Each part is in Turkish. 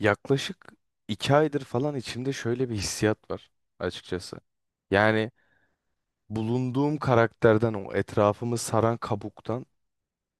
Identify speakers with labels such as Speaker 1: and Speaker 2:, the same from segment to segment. Speaker 1: Yaklaşık iki aydır falan içimde şöyle bir hissiyat var açıkçası. Yani bulunduğum karakterden o etrafımı saran kabuktan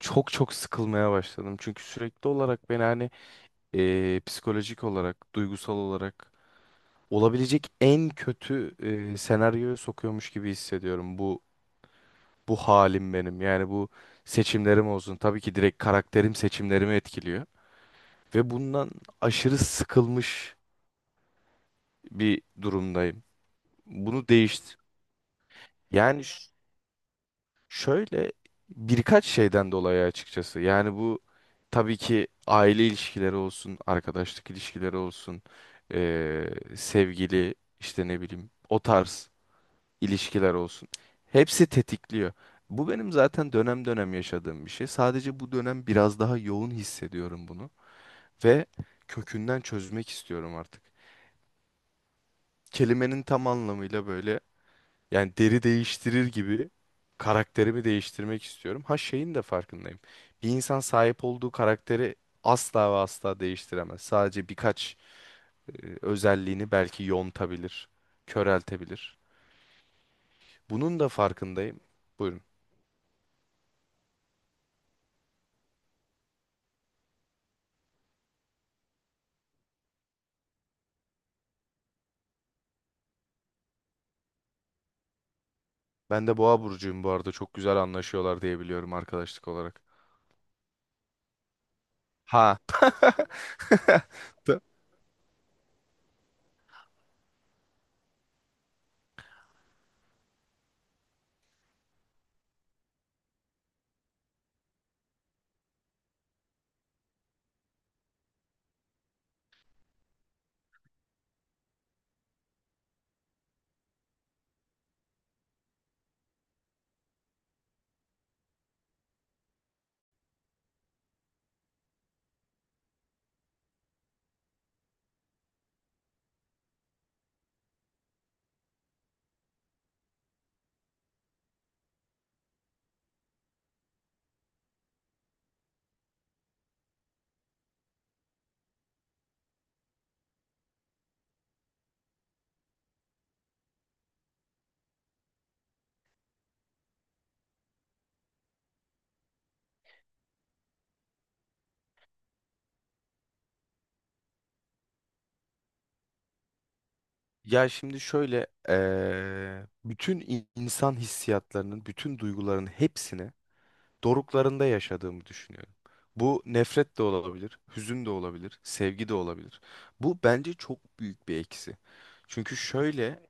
Speaker 1: çok çok sıkılmaya başladım. Çünkü sürekli olarak beni hani psikolojik olarak, duygusal olarak olabilecek en kötü senaryoya sokuyormuş gibi hissediyorum bu halim benim. Yani bu seçimlerim olsun. Tabii ki direkt karakterim seçimlerimi etkiliyor ve bundan aşırı sıkılmış bir durumdayım. Bunu değiştir. Yani şöyle birkaç şeyden dolayı açıkçası. Yani bu tabii ki aile ilişkileri olsun, arkadaşlık ilişkileri olsun, sevgili işte ne bileyim o tarz ilişkiler olsun. Hepsi tetikliyor. Bu benim zaten dönem dönem yaşadığım bir şey. Sadece bu dönem biraz daha yoğun hissediyorum bunu ve kökünden çözmek istiyorum artık. Kelimenin tam anlamıyla böyle, yani deri değiştirir gibi karakterimi değiştirmek istiyorum. Ha şeyin de farkındayım. Bir insan sahip olduğu karakteri asla ve asla değiştiremez. Sadece birkaç e, özelliğini belki yontabilir, köreltebilir. Bunun da farkındayım. Buyurun. Ben de Boğa burcuyum bu arada. Çok güzel anlaşıyorlar diye biliyorum arkadaşlık olarak. Ha. Ya şimdi şöyle, bütün insan hissiyatlarının, bütün duyguların hepsini doruklarında yaşadığımı düşünüyorum. Bu nefret de olabilir, hüzün de olabilir, sevgi de olabilir. Bu bence çok büyük bir eksi. Çünkü şöyle,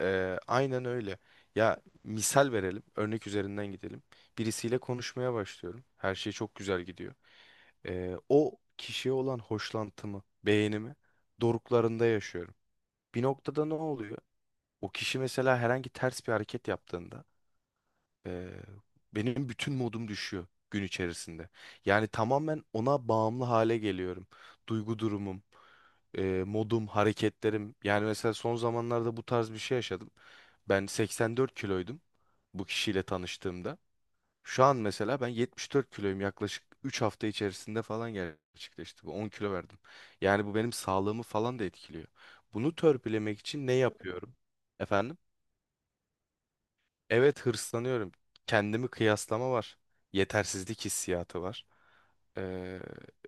Speaker 1: aynen öyle. Ya misal verelim, örnek üzerinden gidelim. Birisiyle konuşmaya başlıyorum. Her şey çok güzel gidiyor. E, o kişiye olan hoşlantımı, beğenimi doruklarında yaşıyorum. Bir noktada ne oluyor? O kişi mesela herhangi ters bir hareket yaptığında ee, benim bütün modum düşüyor gün içerisinde. Yani tamamen ona bağımlı hale geliyorum. Duygu durumum, modum, hareketlerim. Yani mesela son zamanlarda bu tarz bir şey yaşadım. Ben 84 kiloydum bu kişiyle tanıştığımda. Şu an mesela ben 74 kiloyum, yaklaşık 3 hafta içerisinde falan gerçekleşti. Bu 10 kilo verdim. Yani bu benim sağlığımı falan da etkiliyor. Bunu törpülemek için ne yapıyorum? Efendim? Evet, hırslanıyorum. Kendimi kıyaslama var. Yetersizlik hissiyatı var. Ee,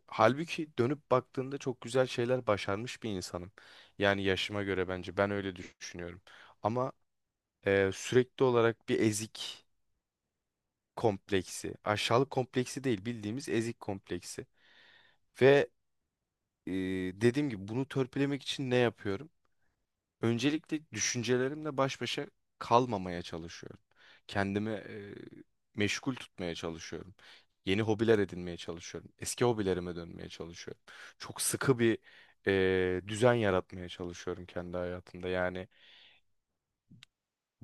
Speaker 1: Halbuki dönüp baktığında çok güzel şeyler başarmış bir insanım. Yani yaşıma göre, bence ben öyle düşünüyorum. Ama sürekli olarak bir ezik kompleksi, aşağılık kompleksi değil, bildiğimiz ezik kompleksi. Ve e, dediğim gibi bunu törpülemek için ne yapıyorum? Öncelikle düşüncelerimle baş başa kalmamaya çalışıyorum. Kendimi meşgul tutmaya çalışıyorum. Yeni hobiler edinmeye çalışıyorum. Eski hobilerime dönmeye çalışıyorum. Çok sıkı bir düzen yaratmaya çalışıyorum kendi hayatımda. Yani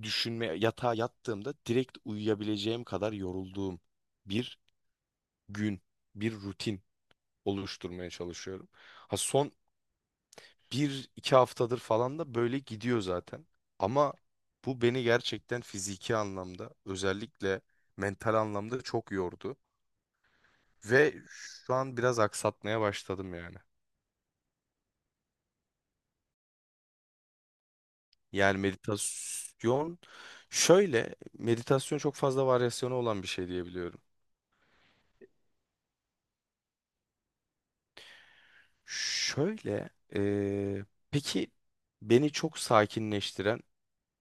Speaker 1: düşünme, yatağa yattığımda direkt uyuyabileceğim kadar yorulduğum bir gün, bir rutin oluşturmaya çalışıyorum. Ha, son bir iki haftadır falan da böyle gidiyor zaten. Ama bu beni gerçekten fiziki anlamda, özellikle mental anlamda çok yordu. Ve şu an biraz aksatmaya başladım yani. Yani meditasyon, şöyle, meditasyon çok fazla varyasyonu olan bir şey diyebiliyorum. Şöyle peki, beni çok sakinleştiren,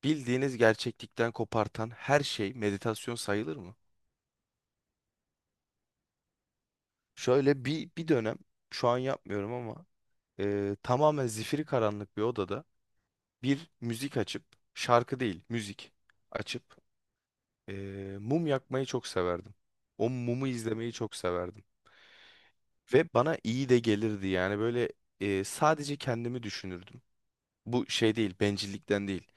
Speaker 1: bildiğiniz gerçeklikten kopartan her şey meditasyon sayılır mı? Şöyle bir dönem, şu an yapmıyorum ama tamamen zifiri karanlık bir odada bir müzik açıp, şarkı değil müzik açıp, e, mum yakmayı çok severdim. O mumu izlemeyi çok severdim. Ve bana iyi de gelirdi, yani böyle sadece kendimi düşünürdüm. Bu şey değil, bencillikten değil.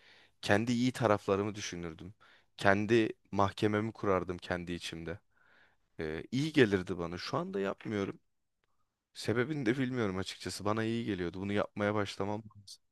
Speaker 1: Kendi iyi taraflarımı düşünürdüm. Kendi mahkememi kurardım kendi içimde. E, iyi gelirdi bana. Şu anda yapmıyorum. Sebebini de bilmiyorum açıkçası. Bana iyi geliyordu. Bunu yapmaya başlamam lazım.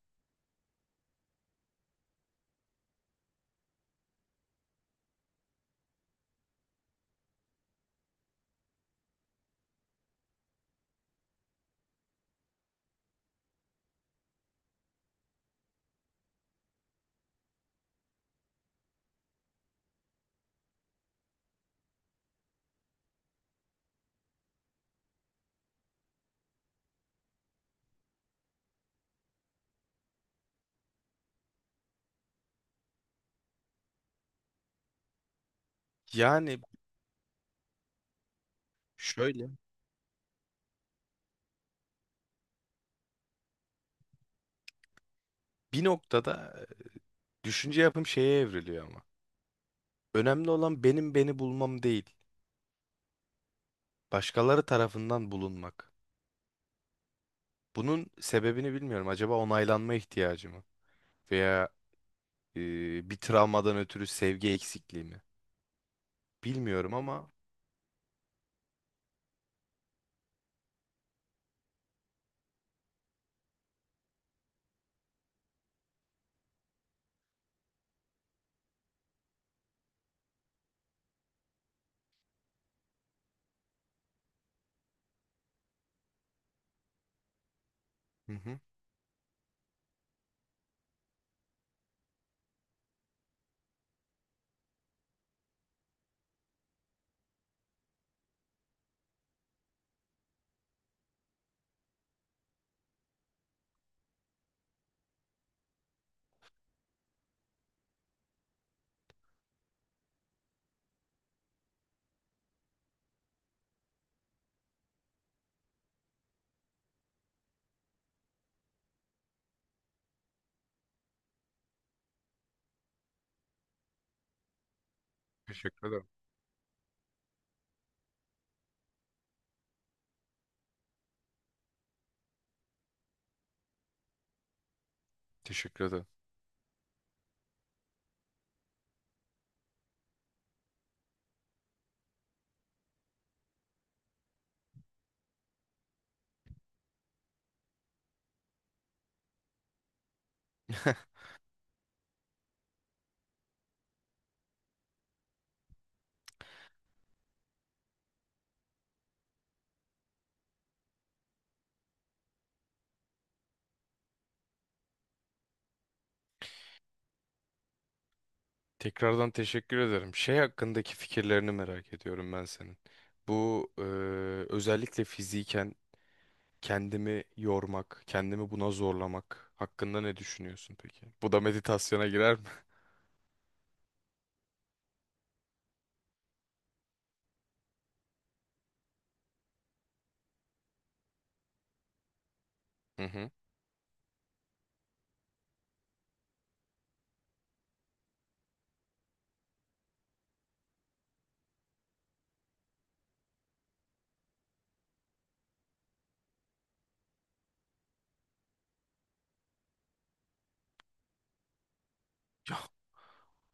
Speaker 1: Yani şöyle, bir noktada düşünce yapım şeye evriliyor ama. Önemli olan benim beni bulmam değil. Başkaları tarafından bulunmak. Bunun sebebini bilmiyorum. Acaba onaylanma ihtiyacı mı? Veya bir travmadan ötürü sevgi eksikliği mi? Bilmiyorum ama. Hı hı. Teşekkür ederim. Teşekkür ederim. Tekrardan teşekkür ederim. Şey hakkındaki fikirlerini merak ediyorum ben senin. Bu özellikle fiziken kendimi yormak, kendimi buna zorlamak hakkında ne düşünüyorsun peki? Bu da meditasyona girer mi? Hı hı.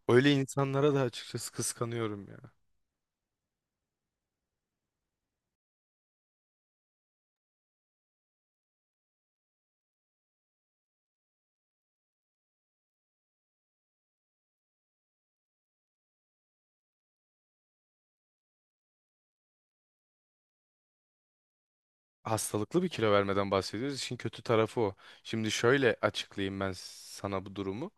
Speaker 1: Öyle insanlara da açıkçası kıskanıyorum ya. Hastalıklı bir kilo vermeden bahsediyoruz. İşin kötü tarafı o. Şimdi şöyle açıklayayım ben sana bu durumu.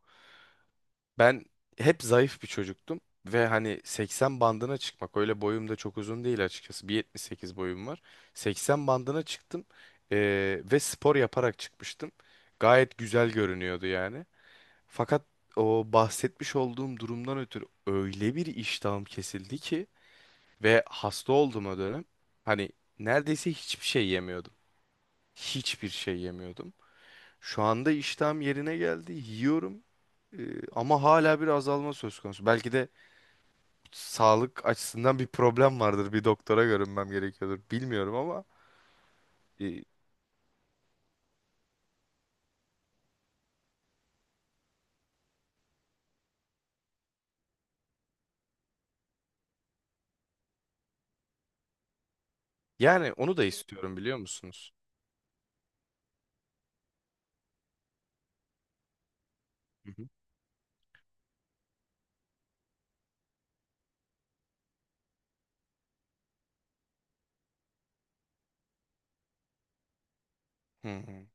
Speaker 1: Ben hep zayıf bir çocuktum ve hani 80 bandına çıkmak, öyle boyum da çok uzun değil açıkçası. 1.78 boyum var. 80 bandına çıktım, ve spor yaparak çıkmıştım. Gayet güzel görünüyordu yani. Fakat o bahsetmiş olduğum durumdan ötürü öyle bir iştahım kesildi ki ve hasta oldum o dönem. Hani neredeyse hiçbir şey yemiyordum. Hiçbir şey yemiyordum. Şu anda iştahım yerine geldi. Yiyorum. Ama hala bir azalma söz konusu. Belki de sağlık açısından bir problem vardır. Bir doktora görünmem gerekiyordur. Bilmiyorum ama e, yani onu da istiyorum, biliyor musunuz? Hı hı. Hı hı.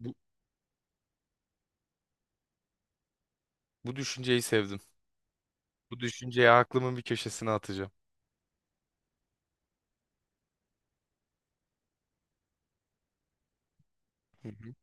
Speaker 1: Bu, bu düşünceyi sevdim. Bu düşünceyi aklımın bir köşesine atacağım. Hı hı.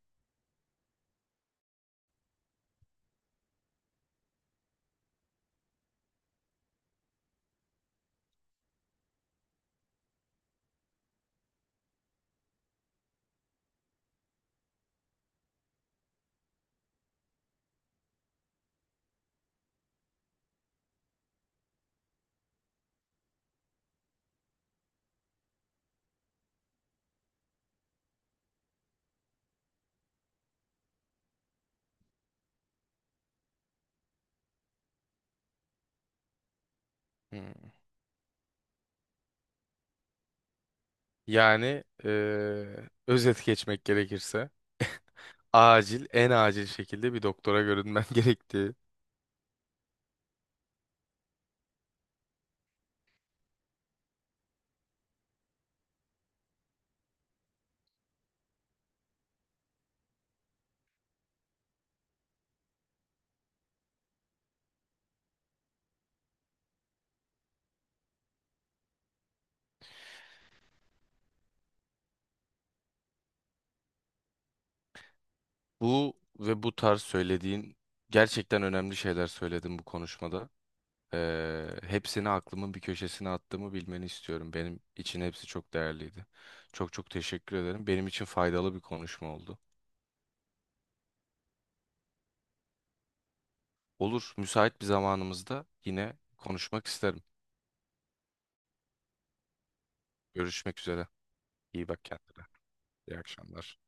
Speaker 1: Hı. Yani özet geçmek gerekirse acil, en acil şekilde bir doktora görünmem gerektiği. Bu ve bu tarz söylediğin gerçekten önemli şeyler söyledin bu konuşmada. Hepsini aklımın bir köşesine attığımı bilmeni istiyorum. Benim için hepsi çok değerliydi. Çok çok teşekkür ederim. Benim için faydalı bir konuşma oldu. Olur, müsait bir zamanımızda yine konuşmak isterim. Görüşmek üzere. İyi bak kendine. İyi akşamlar.